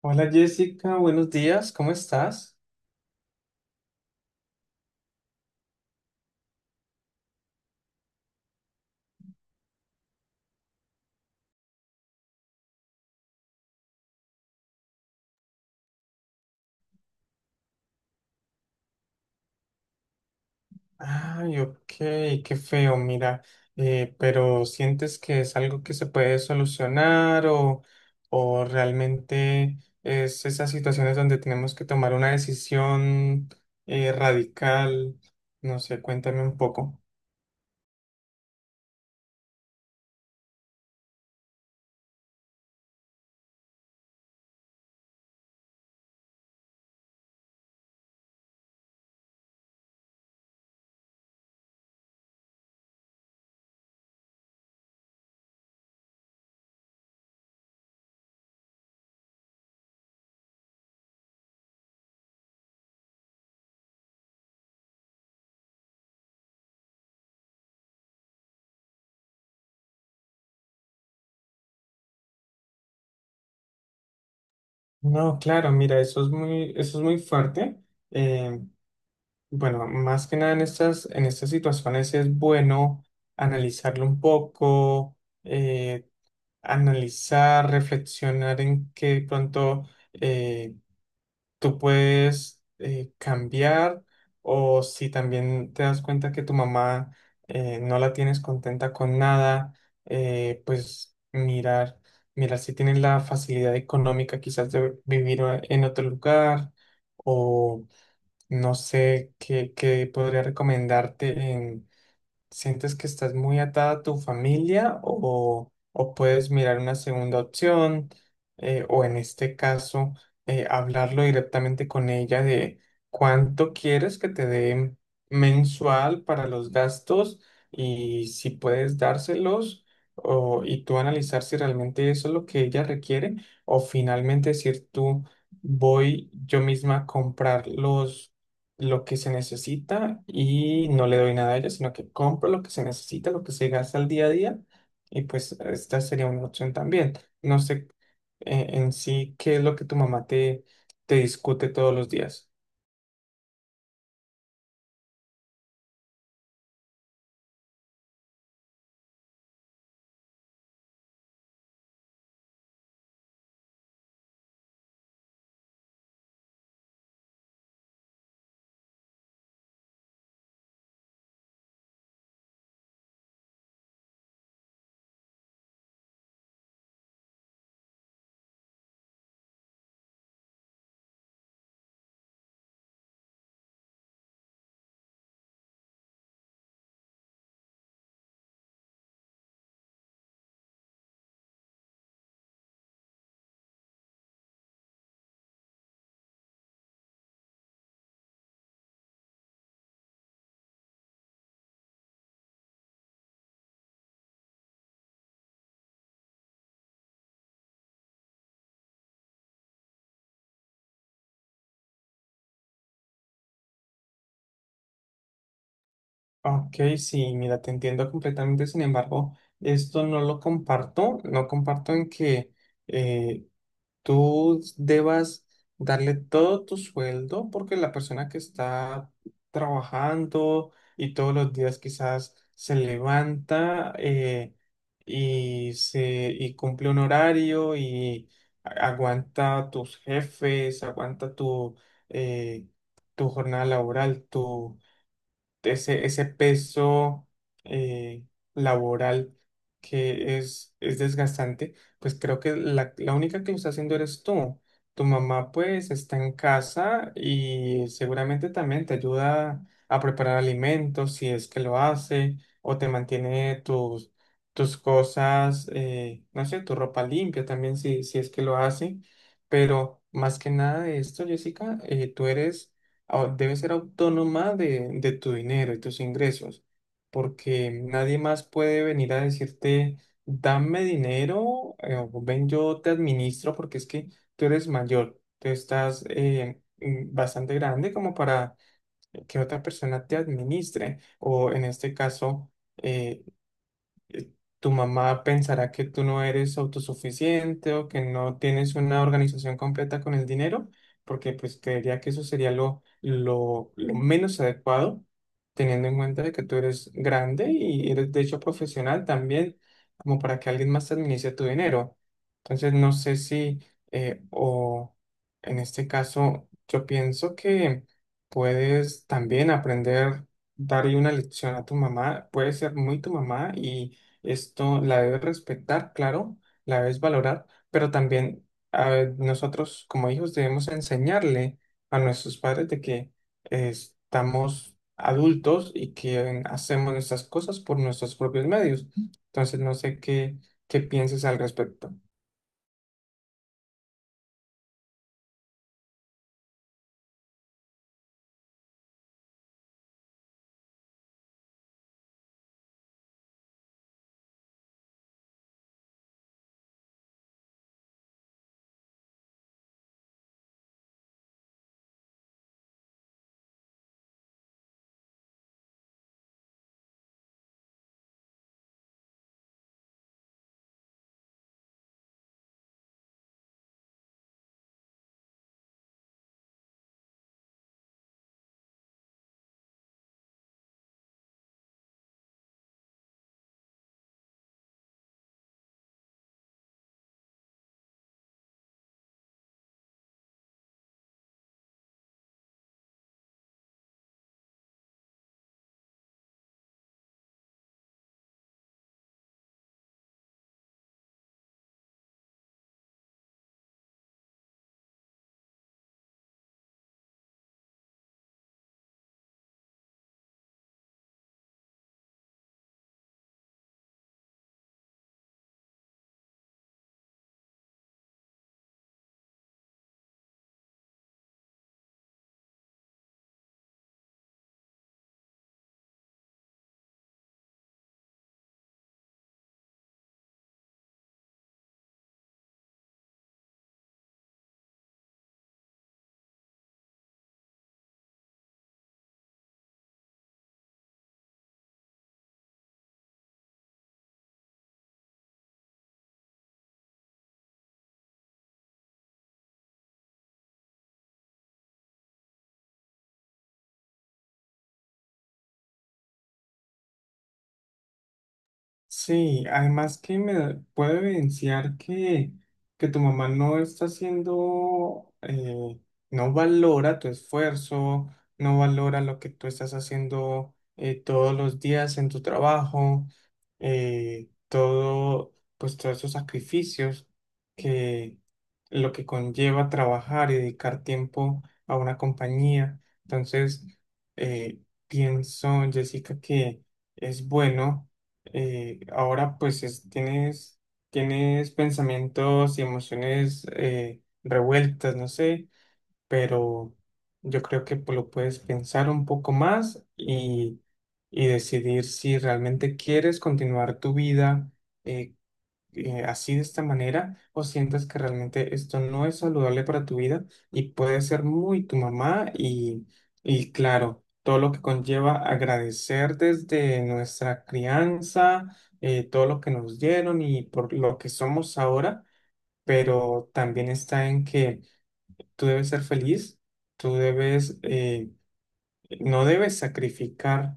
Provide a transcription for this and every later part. Hola Jessica, buenos días, ¿cómo estás? Ay, ok, qué feo, mira, pero ¿sientes que es algo que se puede solucionar o realmente es esas situaciones donde tenemos que tomar una decisión radical? No sé, cuéntame un poco. No, claro, mira, eso es muy fuerte. Eh, bueno, más que nada en en estas situaciones es bueno analizarlo un poco. eh, Analizar, reflexionar en qué pronto eh, tú puedes cambiar o si también te das cuenta que tu mamá no la tienes contenta con nada, pues mirar, mirar si tienes la facilidad económica quizás de vivir en otro lugar o no sé qué, qué podría recomendarte. ¿Sientes que estás muy atada a tu familia o puedes mirar una segunda opción o en este caso hablarlo directamente con ella de cuánto quieres que te dé mensual para los gastos y si puedes dárselos y tú analizar si realmente eso es lo que ella requiere o finalmente decir tú voy yo misma a comprar los, lo que se necesita y no le doy nada a ella, sino que compro lo que se necesita, lo que se gasta al día a día y pues esta sería una opción también. No sé en sí qué es lo que te discute todos los días. Ok, sí, mira, te entiendo completamente, sin embargo, esto no lo comparto, no comparto en que... eh, tú debas darle todo tu sueldo porque la persona que está trabajando y todos los días quizás se levanta y cumple un horario y aguanta tus jefes, eh, tu jornada laboral, ese peso eh, laboral es desgastante, pues creo que la única que lo está haciendo eres tú. Tu mamá pues está en casa y seguramente también te ayuda a preparar alimentos si es que lo hace o te mantiene tus cosas, no sé, tu ropa limpia también si es que lo hace. Pero más que nada de esto, Jessica, tú eres debes ser autónoma de tu dinero y tus ingresos, porque nadie más puede venir a decirte, dame dinero, o ven yo te administro, porque es que tú eres mayor, tú estás bastante grande como para que otra persona te administre, o en este caso, eh, eh, tu mamá pensará que tú no eres autosuficiente o que no tienes una organización completa con el dinero, porque pues creería que eso sería lo menos adecuado, teniendo en cuenta de que tú eres grande y eres de hecho profesional también, como para que alguien más administre tu dinero. Entonces, no sé si, o en este caso, yo pienso que puedes también aprender darle una lección a tu mamá, puede ser muy tu mamá y esto la debes respetar, claro, la debes valorar, pero también nosotros como hijos debemos enseñarle a nuestros padres de que estamos adultos y que hacemos nuestras cosas por nuestros propios medios. Entonces, no sé qué, qué pienses al respecto. Sí, además que me puede evidenciar que tu mamá no está haciendo, no valora tu esfuerzo, no valora lo que tú estás haciendo todos los días en tu trabajo, todo, pues todos esos sacrificios que lo que conlleva trabajar y dedicar tiempo a una compañía. Entonces, eh, pienso, Jessica, que es bueno ahora pues tienes pensamientos y emociones revueltas, no sé, pero yo creo que pues, lo puedes pensar un poco más y decidir si realmente quieres continuar tu vida eh, así de esta manera o sientas que realmente esto no es saludable para tu vida y puede ser muy tu mamá y claro, todo lo que conlleva agradecer desde nuestra crianza, todo lo que nos dieron y por lo que somos ahora, pero también está en que tú debes ser feliz, tú debes, no debes sacrificar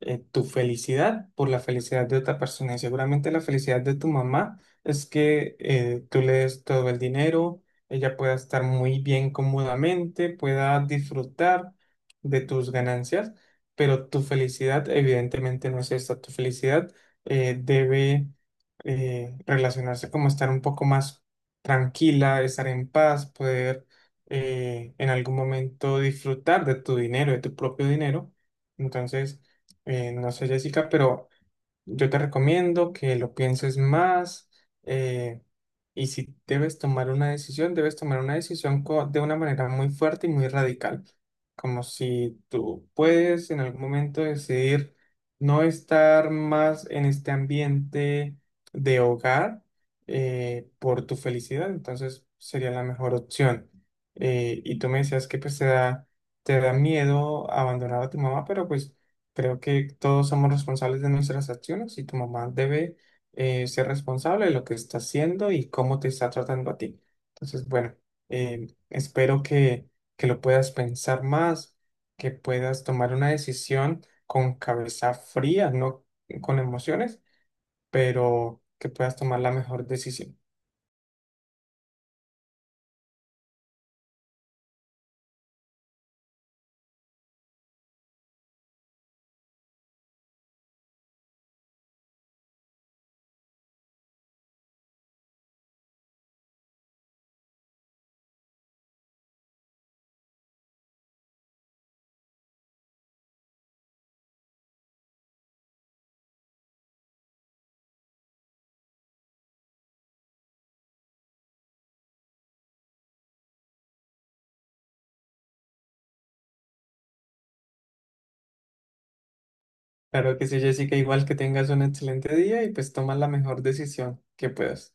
tu felicidad por la felicidad de otra persona. Y seguramente la felicidad de tu mamá es que tú le des todo el dinero, ella pueda estar muy bien cómodamente, pueda disfrutar de tus ganancias, pero tu felicidad evidentemente no es esta. Tu felicidad debe relacionarse como estar un poco más tranquila, estar en paz, poder... en algún momento disfrutar de tu dinero, de tu propio dinero. Entonces, no sé, Jessica, pero yo te recomiendo que lo pienses más eh, y si debes tomar una decisión, debes tomar una decisión de una manera muy fuerte y muy radical, como si tú puedes en algún momento decidir no estar más en este ambiente de hogar por tu felicidad, entonces sería la mejor opción. Y tú me decías que pues te da miedo abandonar a tu mamá, pero pues... Creo que todos somos responsables de nuestras acciones y tu mamá debe ser responsable de lo que está haciendo y cómo te está tratando a ti. Entonces, bueno, espero que lo puedas pensar más, que puedas tomar una decisión con cabeza fría, no con emociones, pero que puedas tomar la mejor decisión. Claro que sí, Jessica, igual que tengas un excelente día y pues toma la mejor decisión que puedas.